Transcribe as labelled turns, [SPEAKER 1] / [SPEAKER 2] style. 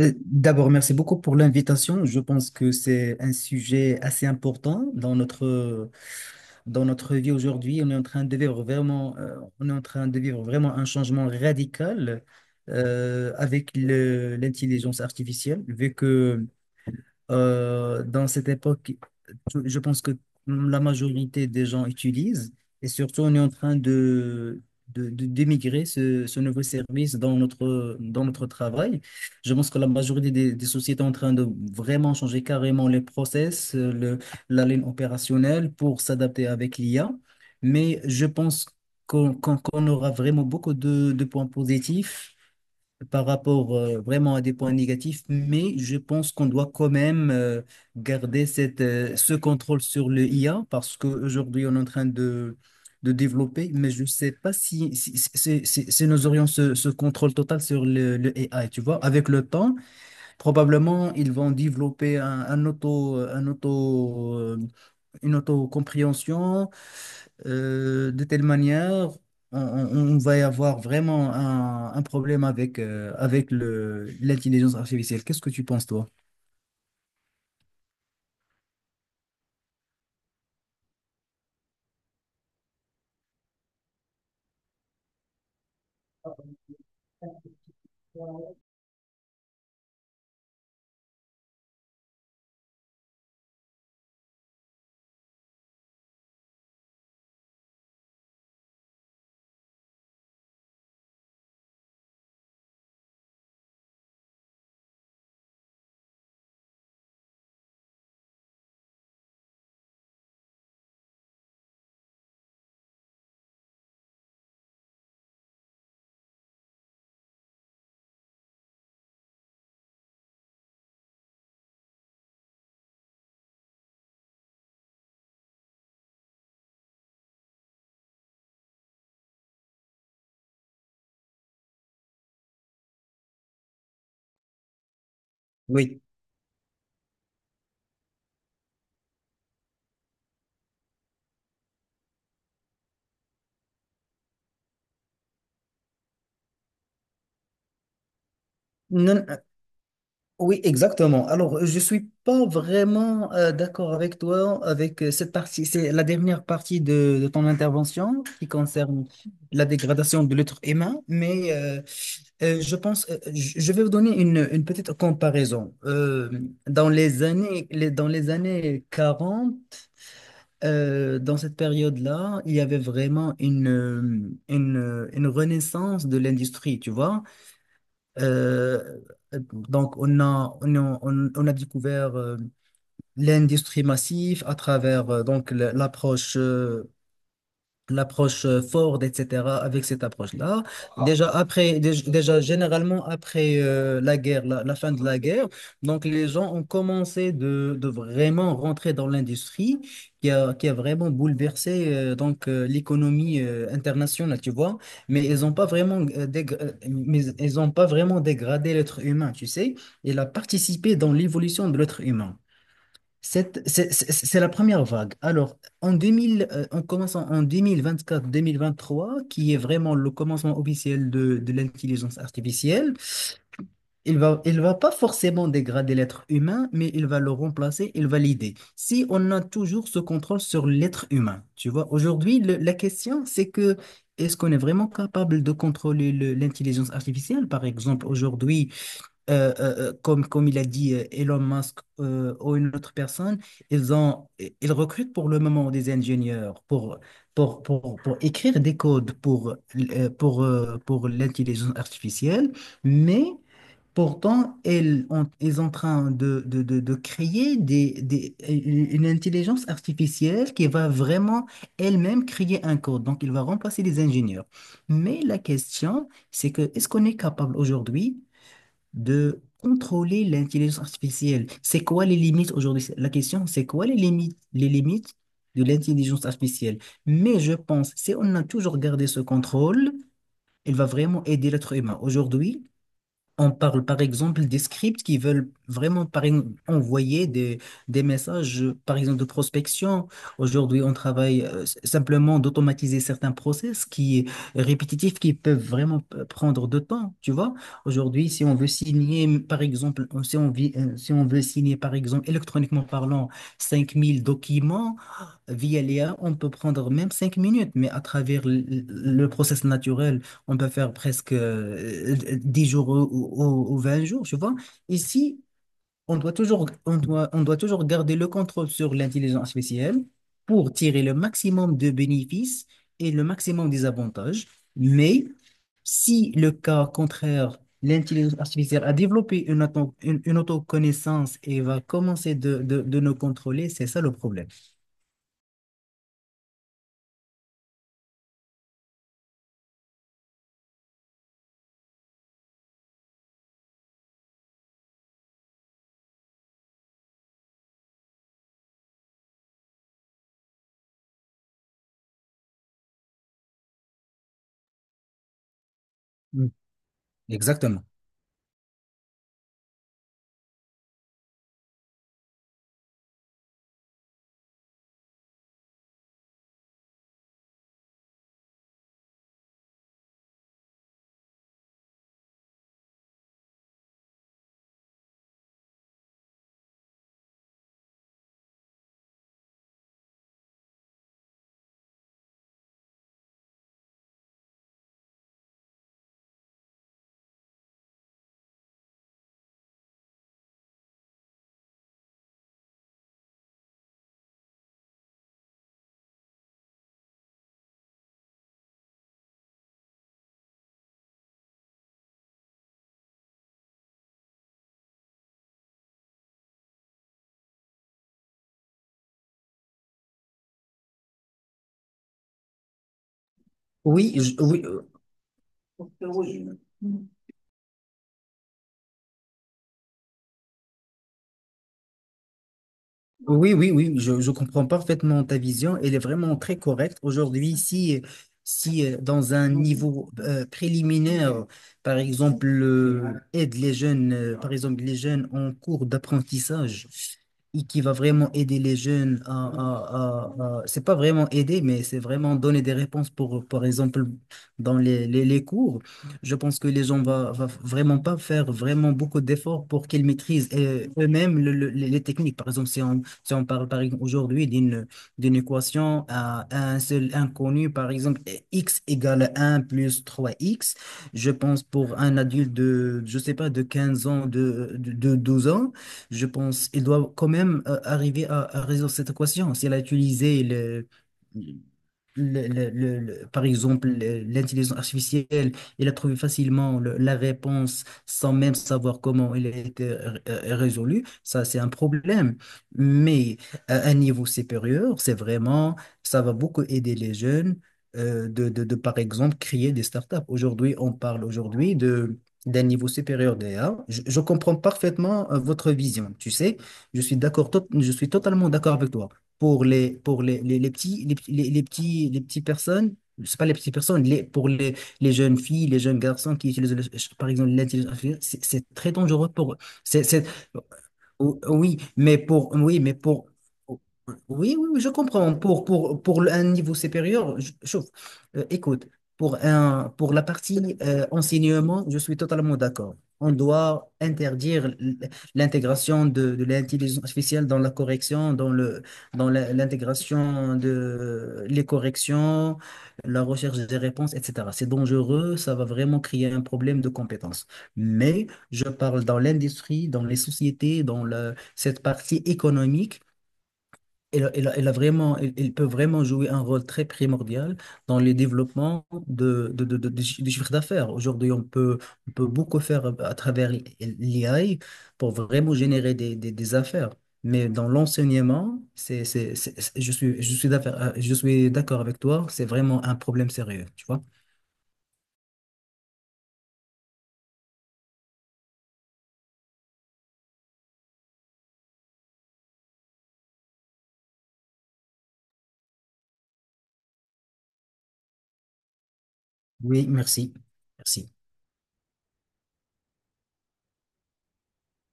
[SPEAKER 1] D'abord, merci beaucoup pour l'invitation. Je pense que c'est un sujet assez important dans notre vie aujourd'hui. On est en train de vivre vraiment un changement radical avec l'intelligence artificielle, vu que dans cette époque, je pense que la majorité des gens utilisent et surtout on est en train d'émigrer ce nouveau service dans dans notre travail. Je pense que la majorité des sociétés sont en train de vraiment changer carrément les process, la ligne opérationnelle pour s'adapter avec l'IA. Mais je pense qu'on aura vraiment beaucoup de points positifs par rapport vraiment à des points négatifs, mais je pense qu'on doit quand même garder ce contrôle sur le IA parce qu'aujourd'hui, on est en train de développer, mais je ne sais pas si nous aurions ce contrôle total sur le AI, tu vois. Avec le temps, probablement, ils vont développer un auto une autocompréhension. De telle manière, on va y avoir vraiment un problème avec l'intelligence artificielle. Qu'est-ce que tu penses, toi? Oui. Non. Oui, exactement. Alors, je suis pas vraiment d'accord avec toi avec cette partie. C'est la dernière partie de ton intervention qui concerne la dégradation de l'être humain, mais je pense, je vais vous donner une petite comparaison. Dans les années 40, dans cette période-là, il y avait vraiment une renaissance de l'industrie, tu vois. Euh, donc, on a découvert l'industrie massive à travers l'approche Ford, etc., avec cette approche-là. Ah, déjà généralement après la guerre, la fin de la guerre, donc les gens ont commencé de vraiment rentrer dans l'industrie qui a vraiment bouleversé l'économie internationale, tu vois. Mais ils ont pas vraiment dégradé l'être humain, tu sais. Il a participé dans l'évolution de l'être humain. C'est la première vague. Alors, en 2000, en commençant en 2024-2023, qui est vraiment le commencement officiel de l'intelligence artificielle, il va pas forcément dégrader l'être humain, mais il va le remplacer, il va l'aider. Si on a toujours ce contrôle sur l'être humain, tu vois, aujourd'hui, la question, c'est que est-ce qu'on est vraiment capable de contrôler l'intelligence artificielle? Par exemple, aujourd'hui, comme il a dit Elon Musk ou une autre personne, ils ont, ils recrutent pour le moment des ingénieurs pour écrire des codes pour l'intelligence artificielle, mais pourtant, ils sont en train de créer une intelligence artificielle qui va vraiment elle-même créer un code. Donc, il va remplacer les ingénieurs. Mais la question, c'est que est-ce qu'on est capable aujourd'hui de contrôler l'intelligence artificielle. C'est quoi les limites aujourd'hui? La question, c'est quoi les limites de l'intelligence artificielle? Mais je pense, si on a toujours gardé ce contrôle, elle va vraiment aider l'être humain. Aujourd'hui, on parle par exemple des scripts qui veulent vraiment envoyer des messages, par exemple de prospection. Aujourd'hui, on travaille simplement d'automatiser certains process qui répétitifs qui peuvent vraiment prendre de temps, tu vois. Aujourd'hui, si on veut signer, m- si on veut signer, par exemple, électroniquement parlant, 5 000 documents via l'IA, on peut prendre même 5 minutes, mais à travers le process naturel. On peut faire presque 10 jours ou 20 jours, tu vois. Ici, on doit toujours garder le contrôle sur l'intelligence artificielle pour tirer le maximum de bénéfices et le maximum des avantages. Mais si le cas contraire, l'intelligence artificielle a développé une autoconnaissance et va commencer de nous contrôler, c'est ça le problème. Mm. Exactement. Oui, oui, oui, oui, je comprends parfaitement ta vision. Elle est vraiment très correcte. Aujourd'hui, si dans un niveau préliminaire, par exemple, aide les jeunes, par exemple, les jeunes en cours d'apprentissage, et qui va vraiment aider les jeunes c'est pas vraiment aider, mais c'est vraiment donner des réponses par exemple, dans les cours. Je pense que les gens va vraiment pas faire vraiment beaucoup d'efforts pour qu'ils maîtrisent eux-mêmes les techniques. Par exemple, si on parle par exemple aujourd'hui d'une équation à un seul inconnu, par exemple, x égale 1 + 3x. Je pense pour un adulte je sais pas, de 15 ans, de 12 ans, je pense il doit quand même arriver à résoudre cette équation. S'il a utilisé l'intelligence artificielle, il a trouvé facilement la réponse sans même savoir comment elle a été résolue. Ça, c'est un problème. Mais à un niveau supérieur, ça va beaucoup aider les jeunes par exemple, créer des startups. Aujourd'hui, on parle aujourd'hui de d'un niveau supérieur d'IA. Je comprends parfaitement votre vision, tu sais. Je suis totalement d'accord avec toi pour les petits, les petits, les petites personnes, c'est pas les petites personnes, les jeunes filles, les jeunes garçons qui utilisent, par exemple, l'intelligence artificielle, c'est très dangereux pour eux. C'est, c'est- Oui, mais oui, mais oui, oui, oui, je comprends. Pour un niveau supérieur, chauffe. Écoute, pour la partie enseignement, je suis totalement d'accord. On doit interdire l'intégration de l'intelligence artificielle dans la correction, dans le, dans la- l'intégration de les corrections, la recherche des réponses, etc. C'est dangereux, ça va vraiment créer un problème de compétence. Mais je parle dans l'industrie, dans les sociétés, cette partie économique. Elle a vraiment, elle peut vraiment jouer un rôle très primordial dans le développement du chiffre d'affaires. Aujourd'hui, on peut beaucoup faire à travers l'IA pour vraiment générer des affaires. Mais dans l'enseignement, je suis d'accord avec toi, c'est vraiment un problème sérieux, tu vois. Oui, merci. Merci.